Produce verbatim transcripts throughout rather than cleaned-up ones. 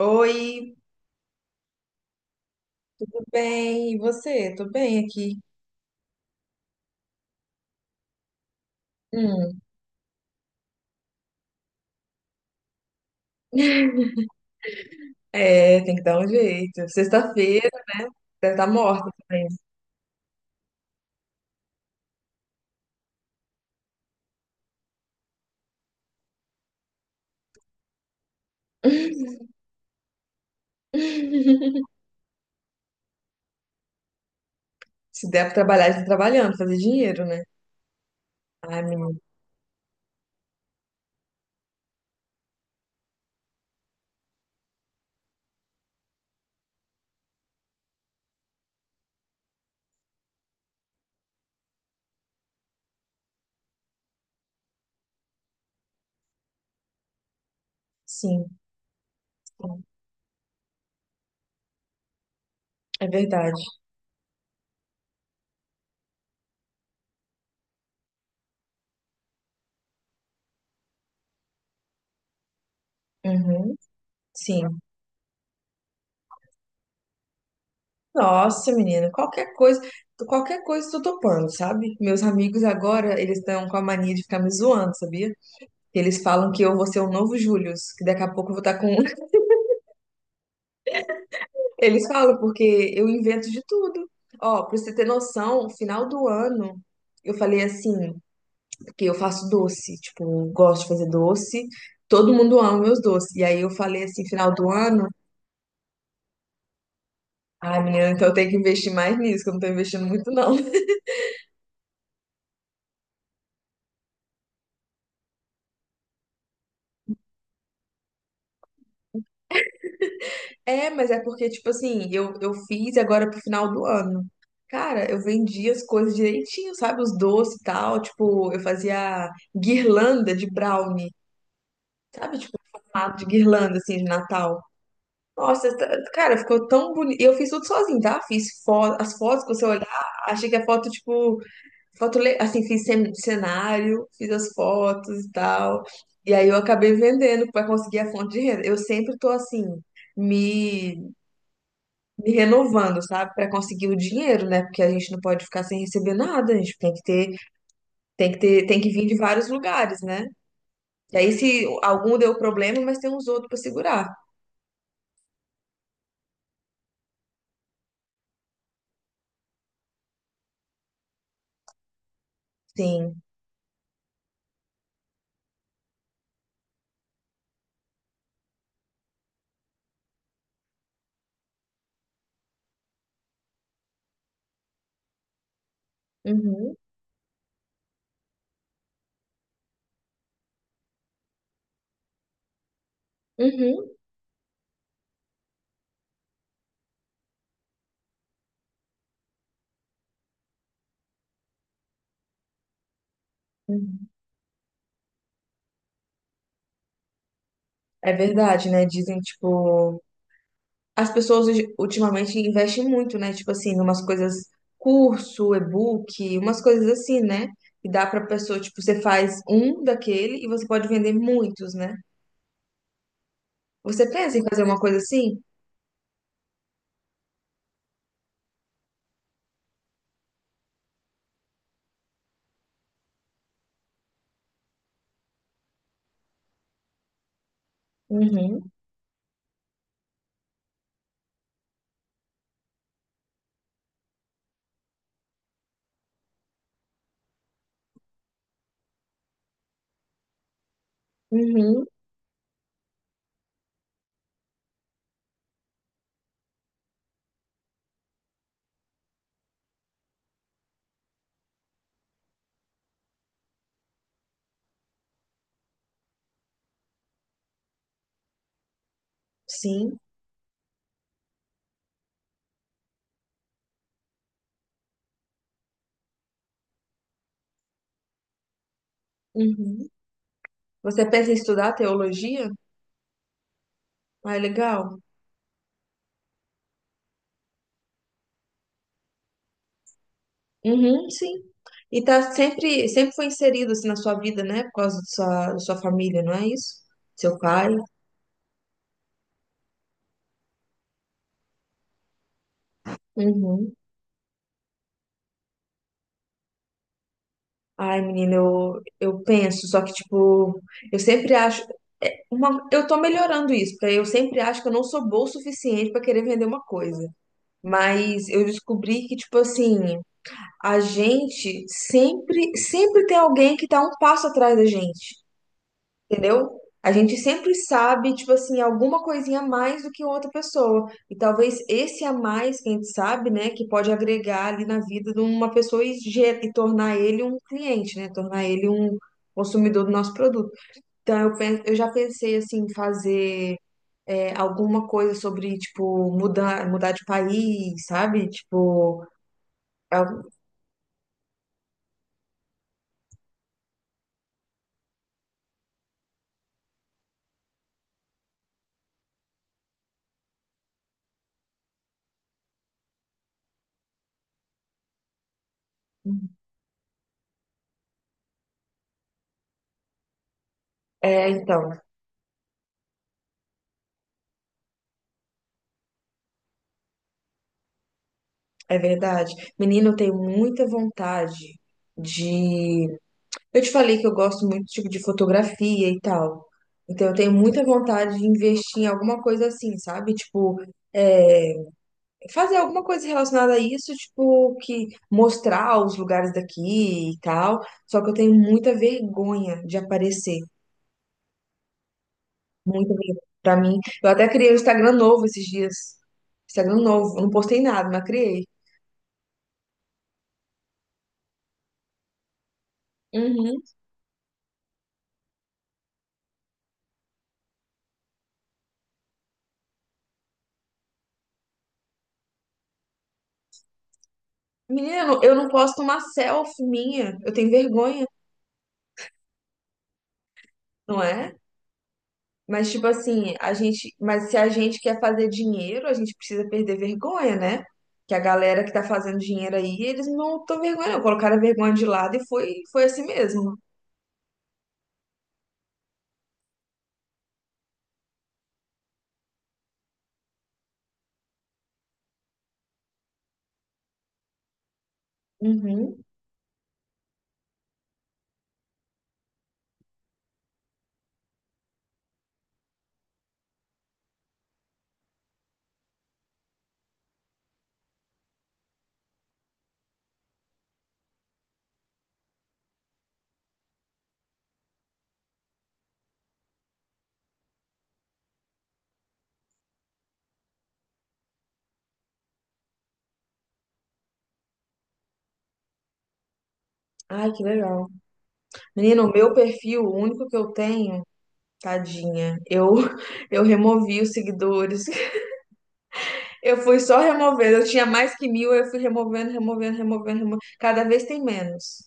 Oi, tudo bem? E você? Tô bem aqui. Hum. É, tem que dar um jeito. Sexta-feira, né? Deve estar morta também. Se der pra trabalhar, está trabalhando, fazer dinheiro, né? Ai, menina. Sim, sim. É verdade. Uhum, sim. Nossa, menina, qualquer coisa, qualquer coisa eu tô topando, sabe? Meus amigos agora, eles estão com a mania de ficar me zoando, sabia? Eles falam que eu vou ser o novo Július, que daqui a pouco eu vou estar com. Eles falam porque eu invento de tudo. Ó, pra você ter noção, final do ano eu falei assim, porque eu faço doce, tipo, eu gosto de fazer doce, todo mundo ama meus doces. E aí eu falei assim, final do ano, ai, menina, então eu tenho que investir mais nisso, que eu não tô investindo muito, não. É, mas é porque, tipo assim, eu, eu fiz agora pro final do ano. Cara, eu vendia as coisas direitinho, sabe? Os doces e tal. Tipo, eu fazia guirlanda de brownie, sabe? Tipo, formato de guirlanda, assim, de Natal. Nossa, tá- cara, ficou tão bonito. E eu fiz tudo sozinho, tá? Fiz foto, as fotos que você olhar, achei que a foto, tipo, foto, le- assim, fiz cen- cenário, fiz as fotos e tal. E aí eu acabei vendendo pra conseguir a fonte de renda. Eu sempre tô assim, me, me renovando, sabe? Pra conseguir o dinheiro, né? Porque a gente não pode ficar sem receber nada, a gente tem que ter, tem que ter, tem que vir de vários lugares, né? E aí se algum deu problema, mas tem uns outros pra segurar. Sim. Uhum. Uhum. Uhum. É verdade, né? Dizem, tipo, as pessoas hoje- ultimamente investem muito, né? Tipo assim, umas coisas, curso, e-book, umas coisas assim, né? E dá pra pessoa, tipo, você faz um daquele e você pode vender muitos, né? Você pensa em fazer uma coisa assim? Uhum, uhum, sim, uhum. Você pensa em estudar teologia? Ah, é legal. Uhum, sim. E tá sempre, sempre foi inserido assim na sua vida, né? Por causa da sua, da sua família, não é isso? Seu pai? Uhum. Ai, menina, eu, eu penso, só que, tipo, eu sempre acho. Uma, eu tô melhorando isso, porque eu sempre acho que eu não sou boa o suficiente pra querer vender uma coisa. Mas eu descobri que, tipo assim, a gente sempre, sempre tem alguém que tá um passo atrás da gente. Entendeu? A gente sempre sabe, tipo assim, alguma coisinha a mais do que outra pessoa. E talvez esse a mais que a gente sabe, né, que pode agregar ali na vida de uma pessoa e, ge- e tornar ele um cliente, né? Tornar ele um consumidor do nosso produto. Então, eu, pen- eu já pensei, assim, em fazer é, alguma coisa sobre, tipo, mudar, mudar de país, sabe? Tipo, al- é, então, é verdade. Menino, eu tenho muita vontade de. Eu te falei que eu gosto muito tipo de fotografia e tal. Então eu tenho muita vontade de investir em alguma coisa assim, sabe? Tipo, é, fazer alguma coisa relacionada a isso, tipo, que mostrar os lugares daqui e tal. Só que eu tenho muita vergonha de aparecer. Muita vergonha. Pra mim, eu até criei um Instagram novo esses dias. Instagram novo, eu não postei nada, mas criei. Uhum. Menina, eu não eu não posto uma selfie minha. Eu tenho vergonha, não é? Mas, tipo assim, a gente, mas se a gente quer fazer dinheiro, a gente precisa perder vergonha, né? Que a galera que tá fazendo dinheiro aí, eles não estão vergonha, não. Colocaram a vergonha de lado e foi, foi assim mesmo. Uhum. Ai, que legal. Menino, o meu perfil, o único que eu tenho, tadinha, eu, eu removi os seguidores. Eu fui só removendo. Eu tinha mais que mil, eu fui removendo, removendo, removendo, removendo. Cada vez tem menos.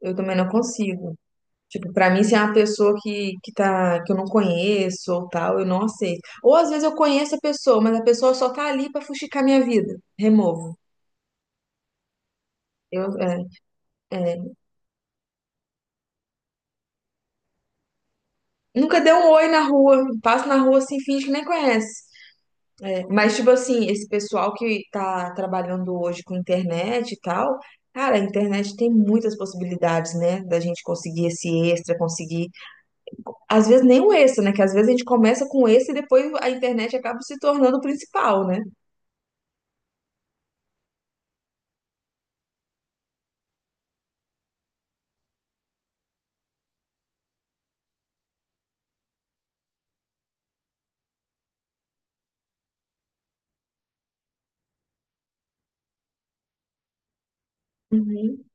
Eu também não consigo. Tipo, pra mim, se é uma pessoa que, que tá, que eu não conheço ou tal, eu não aceito. Ou às vezes eu conheço a pessoa, mas a pessoa só tá ali pra fuxicar minha vida. Removo. Eu, é, é. Nunca dei um oi na rua, passo na rua assim, finge que nem conhece. É, mas, tipo assim, esse pessoal que tá trabalhando hoje com internet e tal, cara, a internet tem muitas possibilidades, né? Da gente conseguir esse extra, conseguir. Às vezes nem o extra, né? Que às vezes a gente começa com esse e depois a internet acaba se tornando o principal, né? Uhum.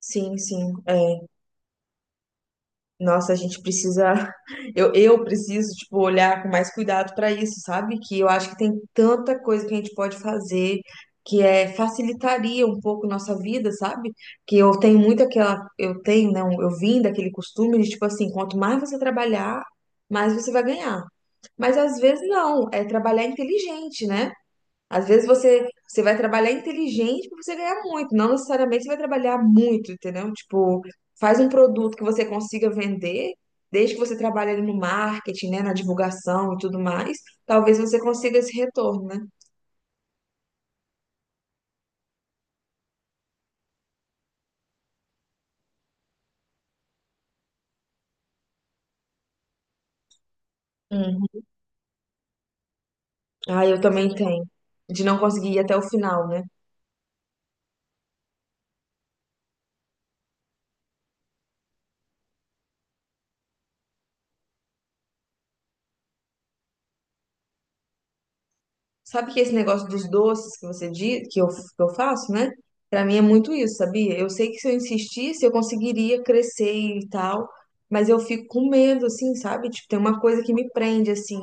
Sim, sim, é. Nossa, a gente precisa, eu, eu preciso, tipo, olhar com mais cuidado para isso, sabe? Que eu acho que tem tanta coisa que a gente pode fazer que é facilitaria um pouco nossa vida, sabe? Que eu tenho muito aquela, eu tenho, não, eu vim daquele costume de tipo assim, quanto mais você trabalhar, mais você vai ganhar. Mas às vezes não, é trabalhar inteligente, né? Às vezes você, você vai trabalhar inteligente para você ganhar muito, não necessariamente você vai trabalhar muito, entendeu? Tipo, faz um produto que você consiga vender, desde que você trabalhe ali no marketing, né, na divulgação e tudo mais, talvez você consiga esse retorno, né? Hum. Ah, eu também tenho. De não conseguir ir até o final, né? Sabe que esse negócio dos doces que você diz, que eu, que eu faço, né? Pra mim é muito isso, sabia? Eu sei que se eu insistisse, eu conseguiria crescer e tal, mas eu fico com medo, assim, sabe? Tipo, tem uma coisa que me prende, assim.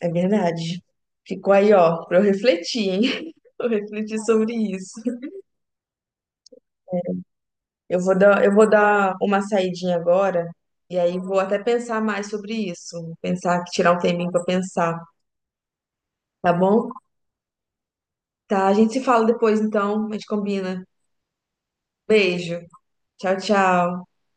É, é verdade. Ficou aí, ó, pra eu refletir, hein? Eu refletir sobre isso. Eu vou dar, eu vou dar uma saidinha agora, e aí vou até pensar mais sobre isso. Pensar, tirar um tempinho pra pensar, tá bom? Tá, a gente se fala depois, então, a gente combina. Beijo. Tchau, tchau.